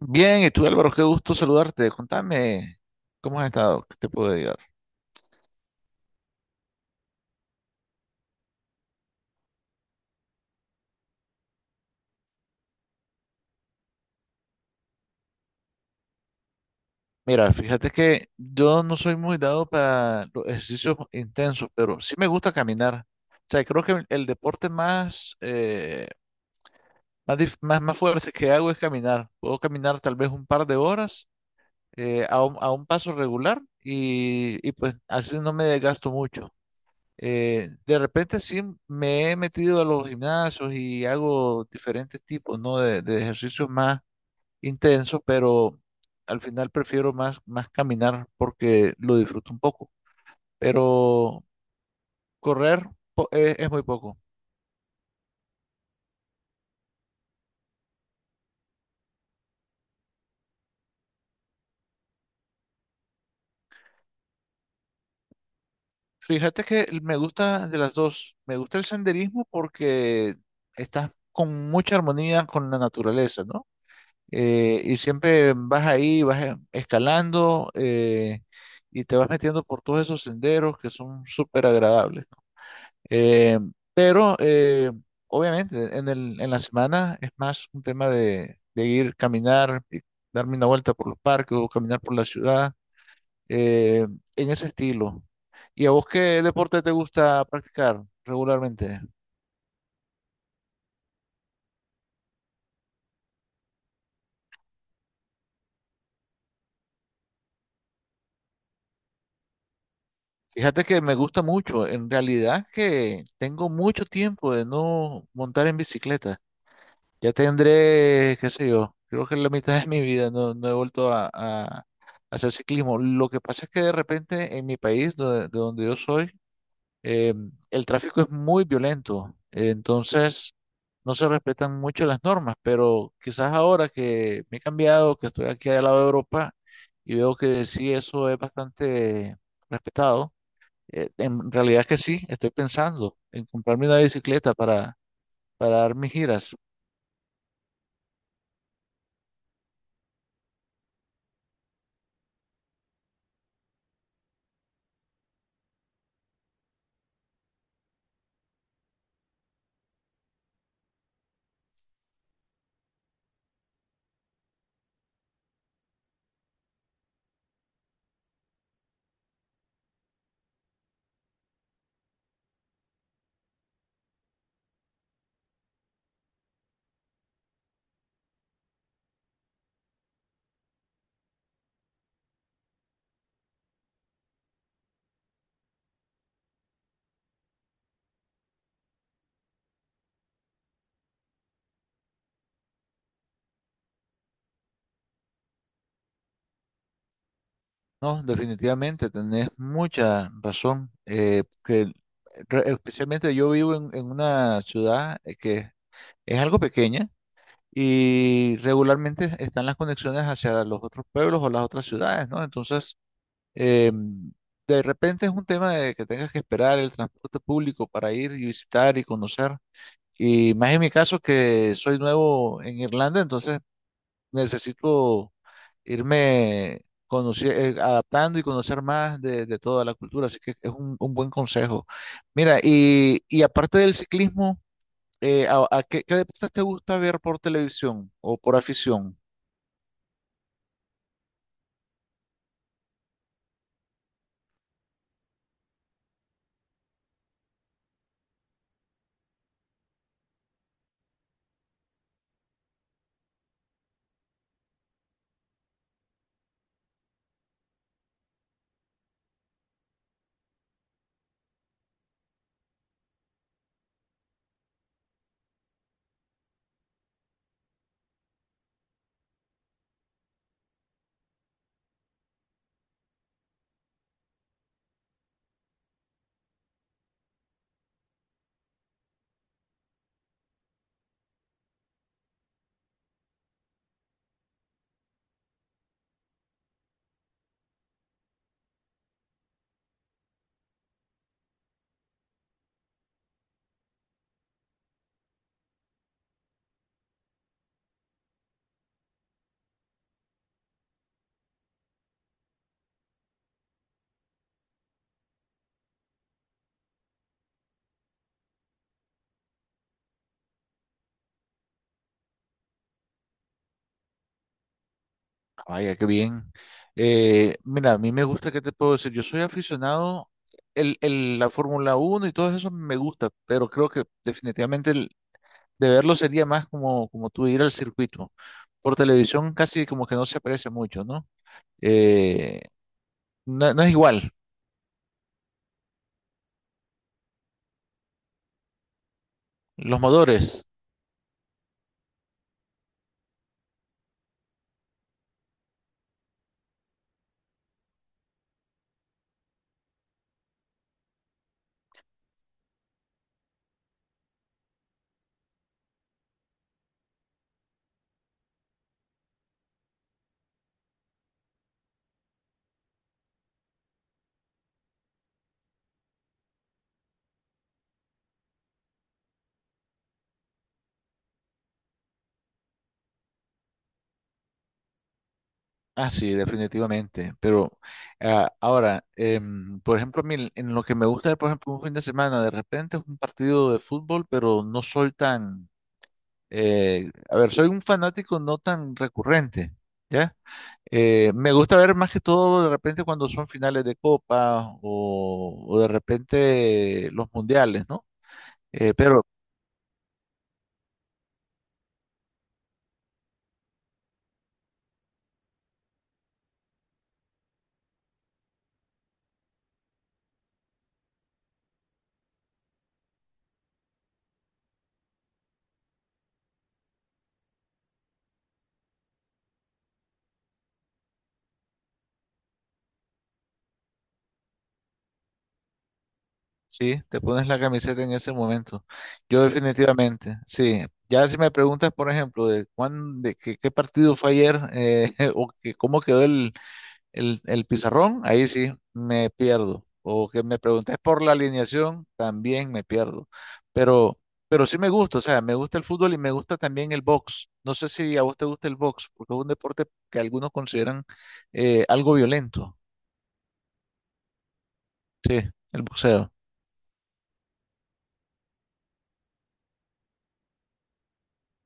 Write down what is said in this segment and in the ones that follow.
Bien, y tú Álvaro, qué gusto saludarte. Contame, ¿cómo has estado? ¿Qué te puedo ayudar? Mira, fíjate que yo no soy muy dado para los ejercicios intensos, pero sí me gusta caminar. O sea, creo que el deporte más, más, más, más fuerte que hago es caminar. Puedo caminar tal vez un par de horas a a un paso regular y pues así no me desgasto mucho. De repente sí me he metido a los gimnasios y hago diferentes tipos, ¿no? De ejercicios más intenso, pero al final prefiero más, más caminar porque lo disfruto un poco. Pero correr es muy poco. Fíjate que me gusta de las dos. Me gusta el senderismo porque estás con mucha armonía con la naturaleza, ¿no? Y siempre vas ahí, vas escalando y te vas metiendo por todos esos senderos que son súper agradables. Eh, pero eh, Obviamente en en la semana es más un tema de ir caminar, y darme una vuelta por los parques o caminar por la ciudad, eh, en ese estilo. ¿Y a vos qué deporte te gusta practicar regularmente? Fíjate que me gusta mucho, en realidad que tengo mucho tiempo de no montar en bicicleta. Ya tendré, qué sé yo, creo que en la mitad de mi vida no, no he vuelto a hacer ciclismo. Lo que pasa es que de repente en mi país, donde yo soy, eh, el tráfico es muy violento. Entonces, no se respetan mucho las normas, pero quizás ahora que me he cambiado, que estoy aquí al lado de Europa y veo que sí, eso es bastante respetado. En realidad que sí, estoy pensando en comprarme una bicicleta para dar mis giras. No, definitivamente, tenés mucha razón. Especialmente yo vivo en una ciudad que es algo pequeña y regularmente están las conexiones hacia los otros pueblos o las otras ciudades, ¿no? Entonces, eh, de repente es un tema de que tengas que esperar el transporte público para ir y visitar y conocer. Y más en mi caso que soy nuevo en Irlanda, entonces necesito adaptando y conocer más de toda la cultura, así que es un buen consejo. Mira, y aparte del ciclismo, a qué, ¿qué deportes te gusta ver por televisión o por afición? Vaya, qué bien. Mira, a mí me gusta, ¿qué te puedo decir? Yo soy aficionado, la Fórmula Uno y todo eso me gusta, pero creo que definitivamente de verlo sería más como, como tú ir al circuito. Por televisión casi como que no se aprecia mucho, ¿no? Eh, no, no es igual. Los motores, ah, sí, definitivamente. Pero ahora, por ejemplo, a mí en lo que me gusta, ver, por ejemplo, un fin de semana, de repente es un partido de fútbol, pero no soy tan, a ver, soy un fanático no tan recurrente, ¿ya? Me gusta ver más que todo de repente cuando son finales de copa o de repente los mundiales, ¿no? Pero sí, te pones la camiseta en ese momento. Yo definitivamente, sí. Ya si me preguntas, por ejemplo, de cuán, de qué, qué partido fue ayer o que cómo quedó el pizarrón, ahí sí me pierdo. O que me preguntes por la alineación, también me pierdo. Pero, pero sí me gusta, o sea, me gusta el fútbol y me gusta también el box. No sé si a vos te gusta el box, porque es un deporte que algunos consideran algo violento. Sí, el boxeo.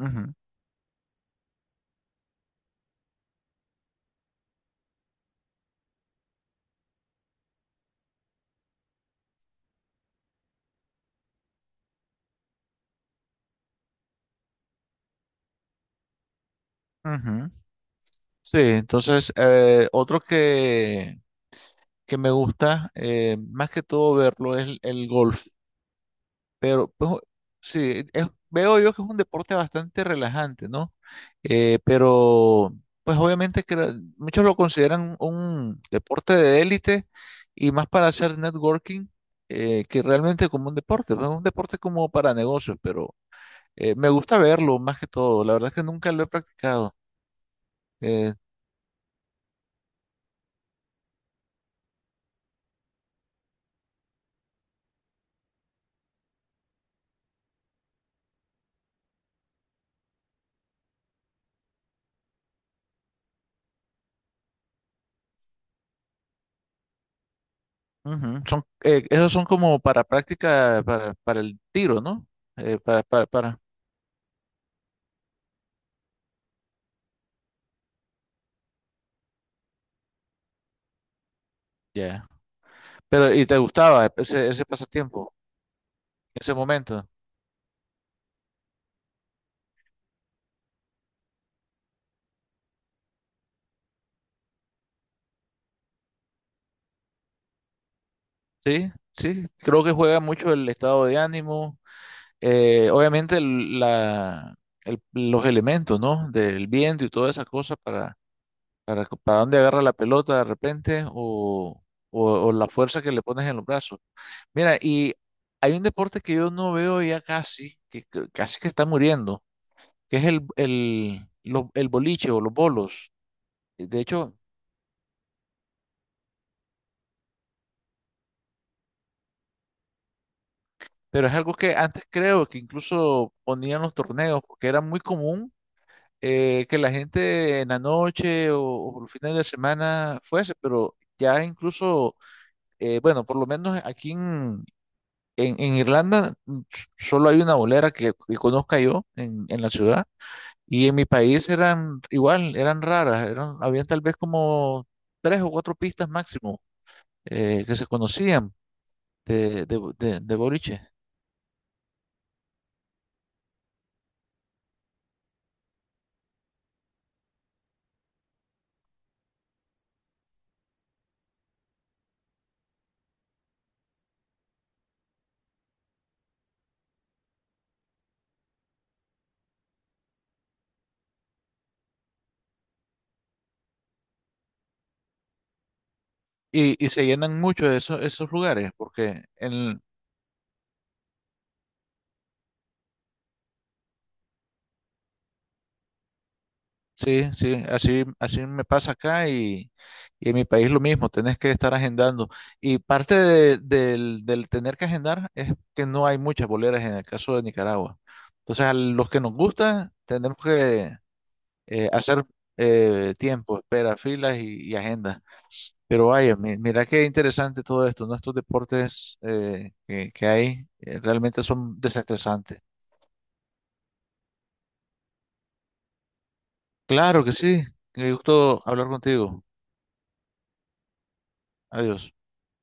Ujú, ujú. Sí, entonces, otro que me gusta, más que todo verlo, es el golf. Pero pues, sí, veo yo que es un deporte bastante relajante, ¿no? Eh, pero pues obviamente que muchos lo consideran un deporte de élite y más para hacer networking que realmente como un deporte, pues, un deporte como para negocios, pero me gusta verlo más que todo. La verdad es que nunca lo he practicado. Eh, Ujú, son, esos son como para práctica para el tiro, ¿no? Para, ya. Pero, ¿y te gustaba ese, ese pasatiempo? Ese momento. Sí, sí, creo que juega mucho el estado de ánimo, obviamente los elementos, ¿no? Del viento y todas esas cosas para dónde agarra la pelota de repente o la fuerza que le pones en los brazos. Mira, y hay un deporte que yo no veo ya casi, que casi que está muriendo, que es el boliche o los bolos. De hecho, pero es algo que antes creo que incluso ponían los torneos, porque era muy común que la gente en la noche o los fines de semana fuese, pero ya incluso, bueno, por lo menos aquí en Irlanda, mm, solo hay una bolera que conozca yo en la ciudad y en mi país eran igual, eran raras, eran, habían tal vez como tres o cuatro pistas máximo que se conocían de boliche. Y se llenan mucho esos, esos lugares, porque en, sí, sí, así, así me pasa acá y en mi país lo mismo, tenés que estar agendando. Y parte del tener que agendar es que no hay muchas boleras en el caso de Nicaragua. Entonces, a los que nos gusta, tenemos que hacer tiempo, espera, filas y agendas. Pero vaya, mira qué interesante todo esto, ¿no? Estos deportes que hay realmente son desestresantes. Claro que sí, me gustó hablar contigo. Adiós.